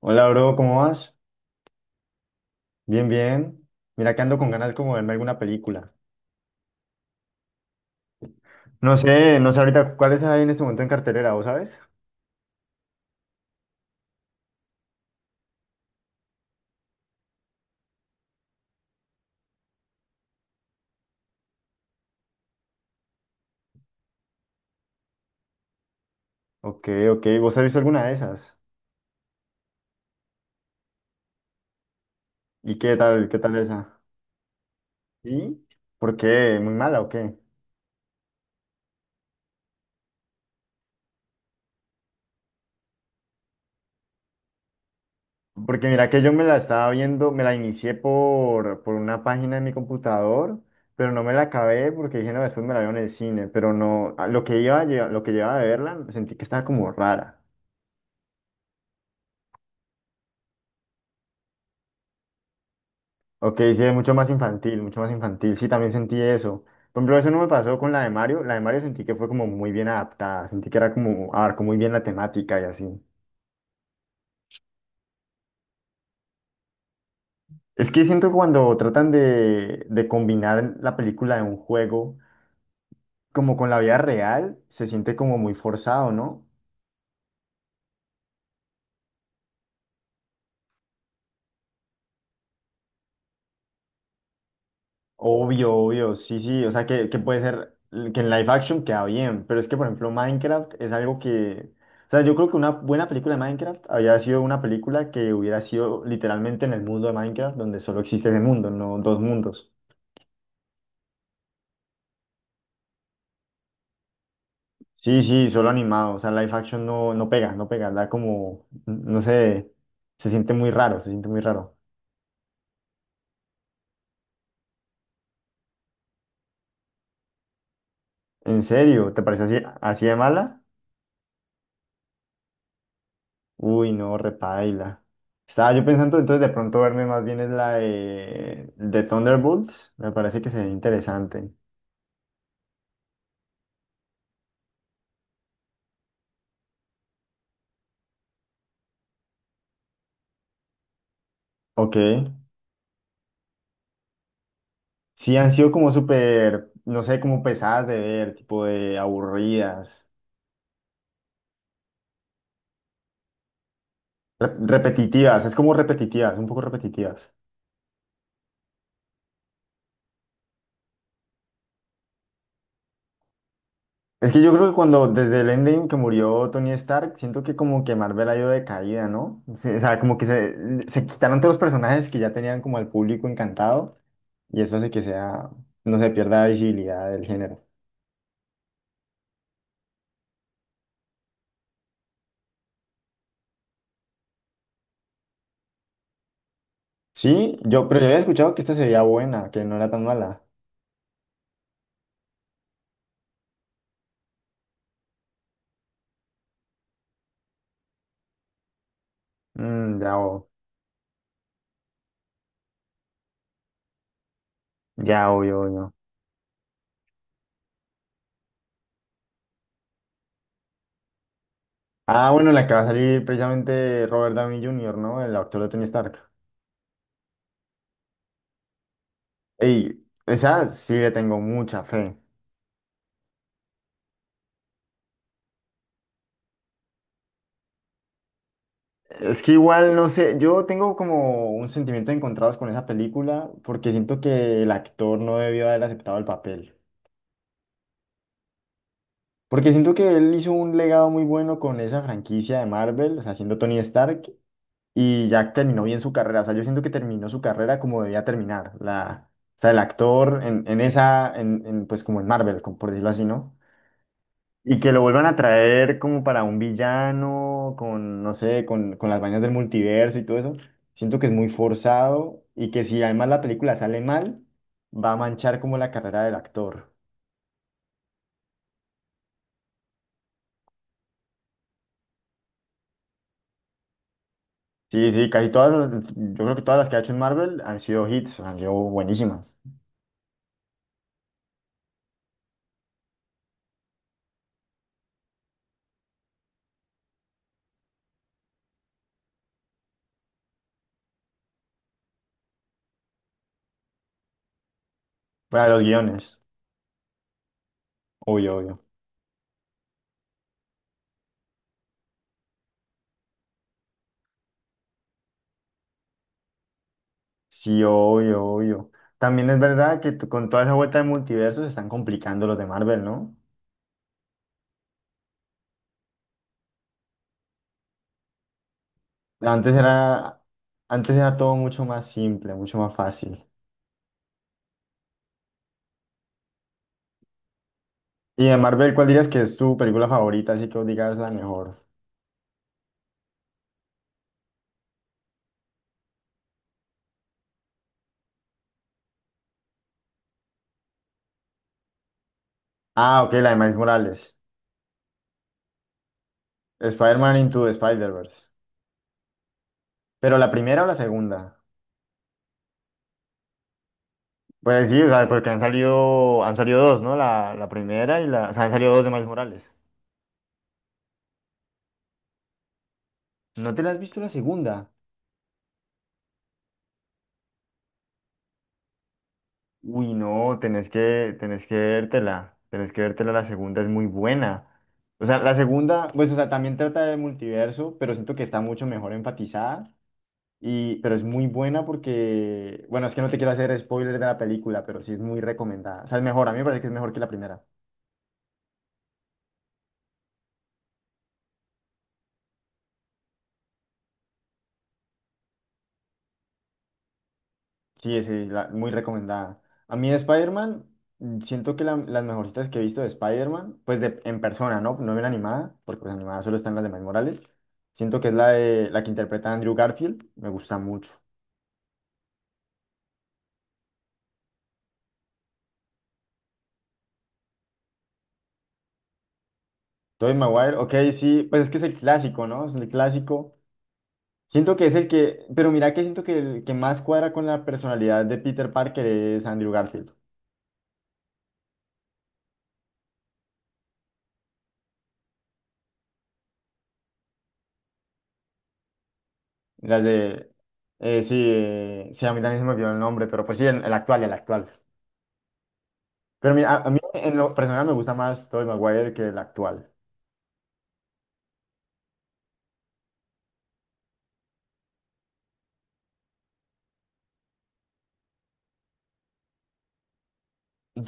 Hola, bro, ¿cómo vas? Bien, bien. Mira que ando con ganas como de verme alguna película. No sé, no sé ahorita cuáles hay en este momento en cartelera, ¿vos sabes? Ok, ok, ¿vos has visto alguna de esas? ¿Y qué tal esa? ¿Y por qué? ¿Muy mala o qué? Porque mira que yo me la estaba viendo, me la inicié por una página de mi computador, pero no me la acabé porque dije, no, después me la veo en el cine, pero no, a lo que iba, lo que llevaba de verla, sentí que estaba como rara. Ok, sí, es mucho más infantil, mucho más infantil. Sí, también sentí eso. Por ejemplo, eso no me pasó con la de Mario. La de Mario sentí que fue como muy bien adaptada, sentí que era como, abarcó muy bien la temática y así. Es que siento que cuando tratan de combinar la película de un juego como con la vida real, se siente como muy forzado, ¿no? Obvio, obvio, sí, sí, o sea que puede ser que en live action queda bien, pero es que por ejemplo Minecraft es algo que, o sea, yo creo que una buena película de Minecraft habría sido una película que hubiera sido literalmente en el mundo de Minecraft, donde solo existe ese mundo, no dos mundos. Sí, sí, solo animado, o sea, live action no, no pega, no pega, da como, no sé, se siente muy raro, se siente muy raro. ¿En serio? ¿Te parece así, así de mala? Uy, no, repaila. Estaba yo pensando entonces de pronto verme más bien es la de Thunderbolts. Me parece que sería interesante. Ok. Sí, han sido como súper, no sé, como pesadas de ver, tipo de aburridas, repetitivas, es como repetitivas, un poco repetitivas. Es que yo creo que cuando desde el Endgame que murió Tony Stark, siento que como que Marvel ha ido de caída, ¿no? O sea, como que se quitaron todos los personajes que ya tenían como al público encantado. Y eso hace que sea, no se pierda la visibilidad del género. Sí, yo, pero yo había escuchado que esta sería buena, que no era tan mala. Mm, ya, ya, obvio, obvio. Ah, bueno, la que va a salir precisamente Robert Downey Jr., ¿no? El actor de Tony Stark. Ey, esa sí le tengo mucha fe. Es que igual, no sé, yo tengo como un sentimiento encontrados con esa película porque siento que el actor no debió haber aceptado el papel. Porque siento que él hizo un legado muy bueno con esa franquicia de Marvel, o sea, siendo Tony Stark, y ya terminó bien su carrera. O sea, yo siento que terminó su carrera como debía terminar. La, o sea, el actor en esa, en, pues como en Marvel, como por decirlo así, ¿no? Y que lo vuelvan a traer como para un villano, con, no sé, con las vainas del multiverso y todo eso. Siento que es muy forzado y que si además la película sale mal, va a manchar como la carrera del actor. Sí, sí, casi todas, yo creo que todas las que ha hecho en Marvel han sido hits, han sido buenísimas. Para los guiones, obvio, obvio. Sí, obvio, obvio. También es verdad que con toda esa vuelta de multiverso se están complicando los de Marvel, ¿no? Antes era, antes era todo mucho más simple, mucho más fácil. Y de Marvel, ¿cuál dirías que es tu película favorita? Así que vos digas la mejor. Ah, ok, la de Miles Morales. Spider-Man Into the Spider-Verse. Pero la primera o la segunda. Pues sí, o sea, porque han salido dos, ¿no? La primera y la. O sea, han salido dos de Miles Morales. ¿No te la has visto la segunda? Uy, no, tenés que vértela, la segunda es muy buena. O sea, la segunda, pues, o sea, también trata del multiverso, pero siento que está mucho mejor enfatizada, y, pero es muy buena porque, bueno, es que no te quiero hacer spoiler de la película, pero sí es muy recomendada. O sea, es mejor, a mí me parece que es mejor que la primera. Sí, sí, muy recomendada. A mí de Spider-Man, mm, siento que las mejorcitas que he visto de Spider-Man, pues de, en persona, ¿no? No en animada, porque pues animada solo están las de Miles Morales. Siento que es la, de, la que interpreta Andrew Garfield, me gusta mucho. Tobey Maguire, ok, sí, pues es que es el clásico, ¿no? Es el clásico. Siento que es el que, pero mira que siento que el que más cuadra con la personalidad de Peter Parker es Andrew Garfield. Las de, sí, sí, a mí también se me olvidó el nombre, pero pues sí, el actual, el actual. Pero mira, a mí en lo personal me gusta más Tobey Maguire que el actual.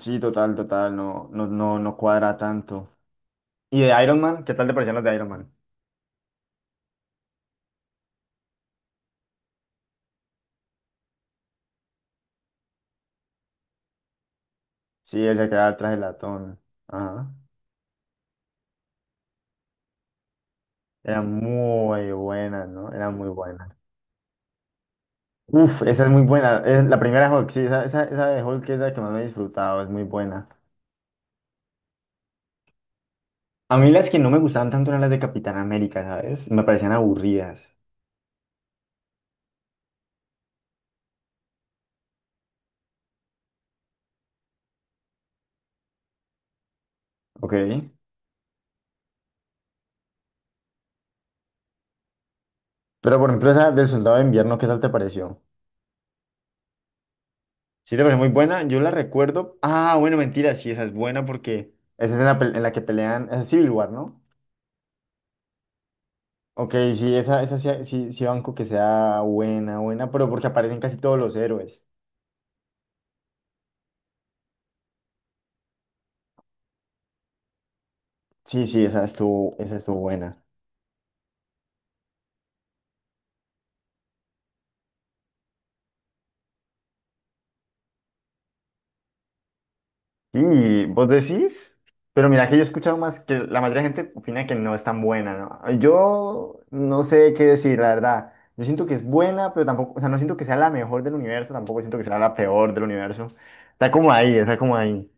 Sí, total, total, no, no, no, no cuadra tanto. ¿Y de Iron Man? ¿Qué tal te parecían los de Iron Man? Sí, ese que era el traje latón. Ajá. Era muy buena, ¿no? Era muy buena. Uf, esa es muy buena. Es la primera Hulk, sí, esa de Hulk es la que más me he disfrutado, es muy buena. A mí las que no me gustaban tanto eran las de Capitán América, ¿sabes? Me parecían aburridas. Ok. Pero por ejemplo, esa del Soldado de Invierno, ¿qué tal te pareció? Sí, te parece muy buena. Yo la recuerdo. Ah, bueno, mentira, sí, esa es buena porque esa es en la, en la que pelean. Esa es Civil War, ¿no? Ok, sí, esa sí, sí, sí banco que sea buena, buena, pero porque aparecen casi todos los héroes. Sí, sí, esa estuvo buena. Sí, vos decís, pero mira que yo he escuchado más que la mayoría de gente opina que no es tan buena, ¿no? Yo no sé qué decir, la verdad. Yo siento que es buena, pero tampoco, o sea, no siento que sea la mejor del universo, tampoco siento que sea la peor del universo. Está como ahí, está como ahí.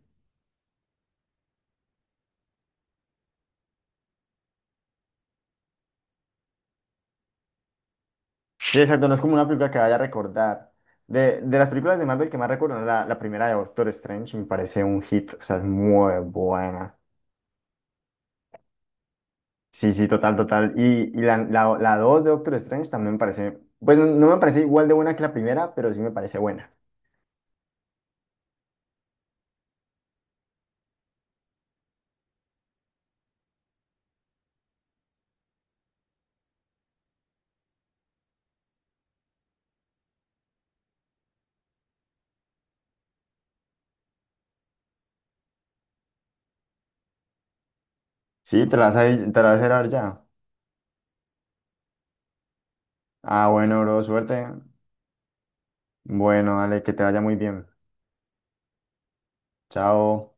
Sí, exacto, no es como una película que vaya a recordar. De las películas de Marvel que más recuerdo, ¿no? La primera de Doctor Strange me parece un hit, o sea, es muy buena. Sí, sí, total, total. Y la, la, la dos de Doctor Strange también me parece, pues no, no me parece igual de buena que la primera, pero sí me parece buena. Sí, te la vas a, te la vas a ir a ver ya. Ah, bueno, bro, suerte. Bueno, dale, que te vaya muy bien. Chao.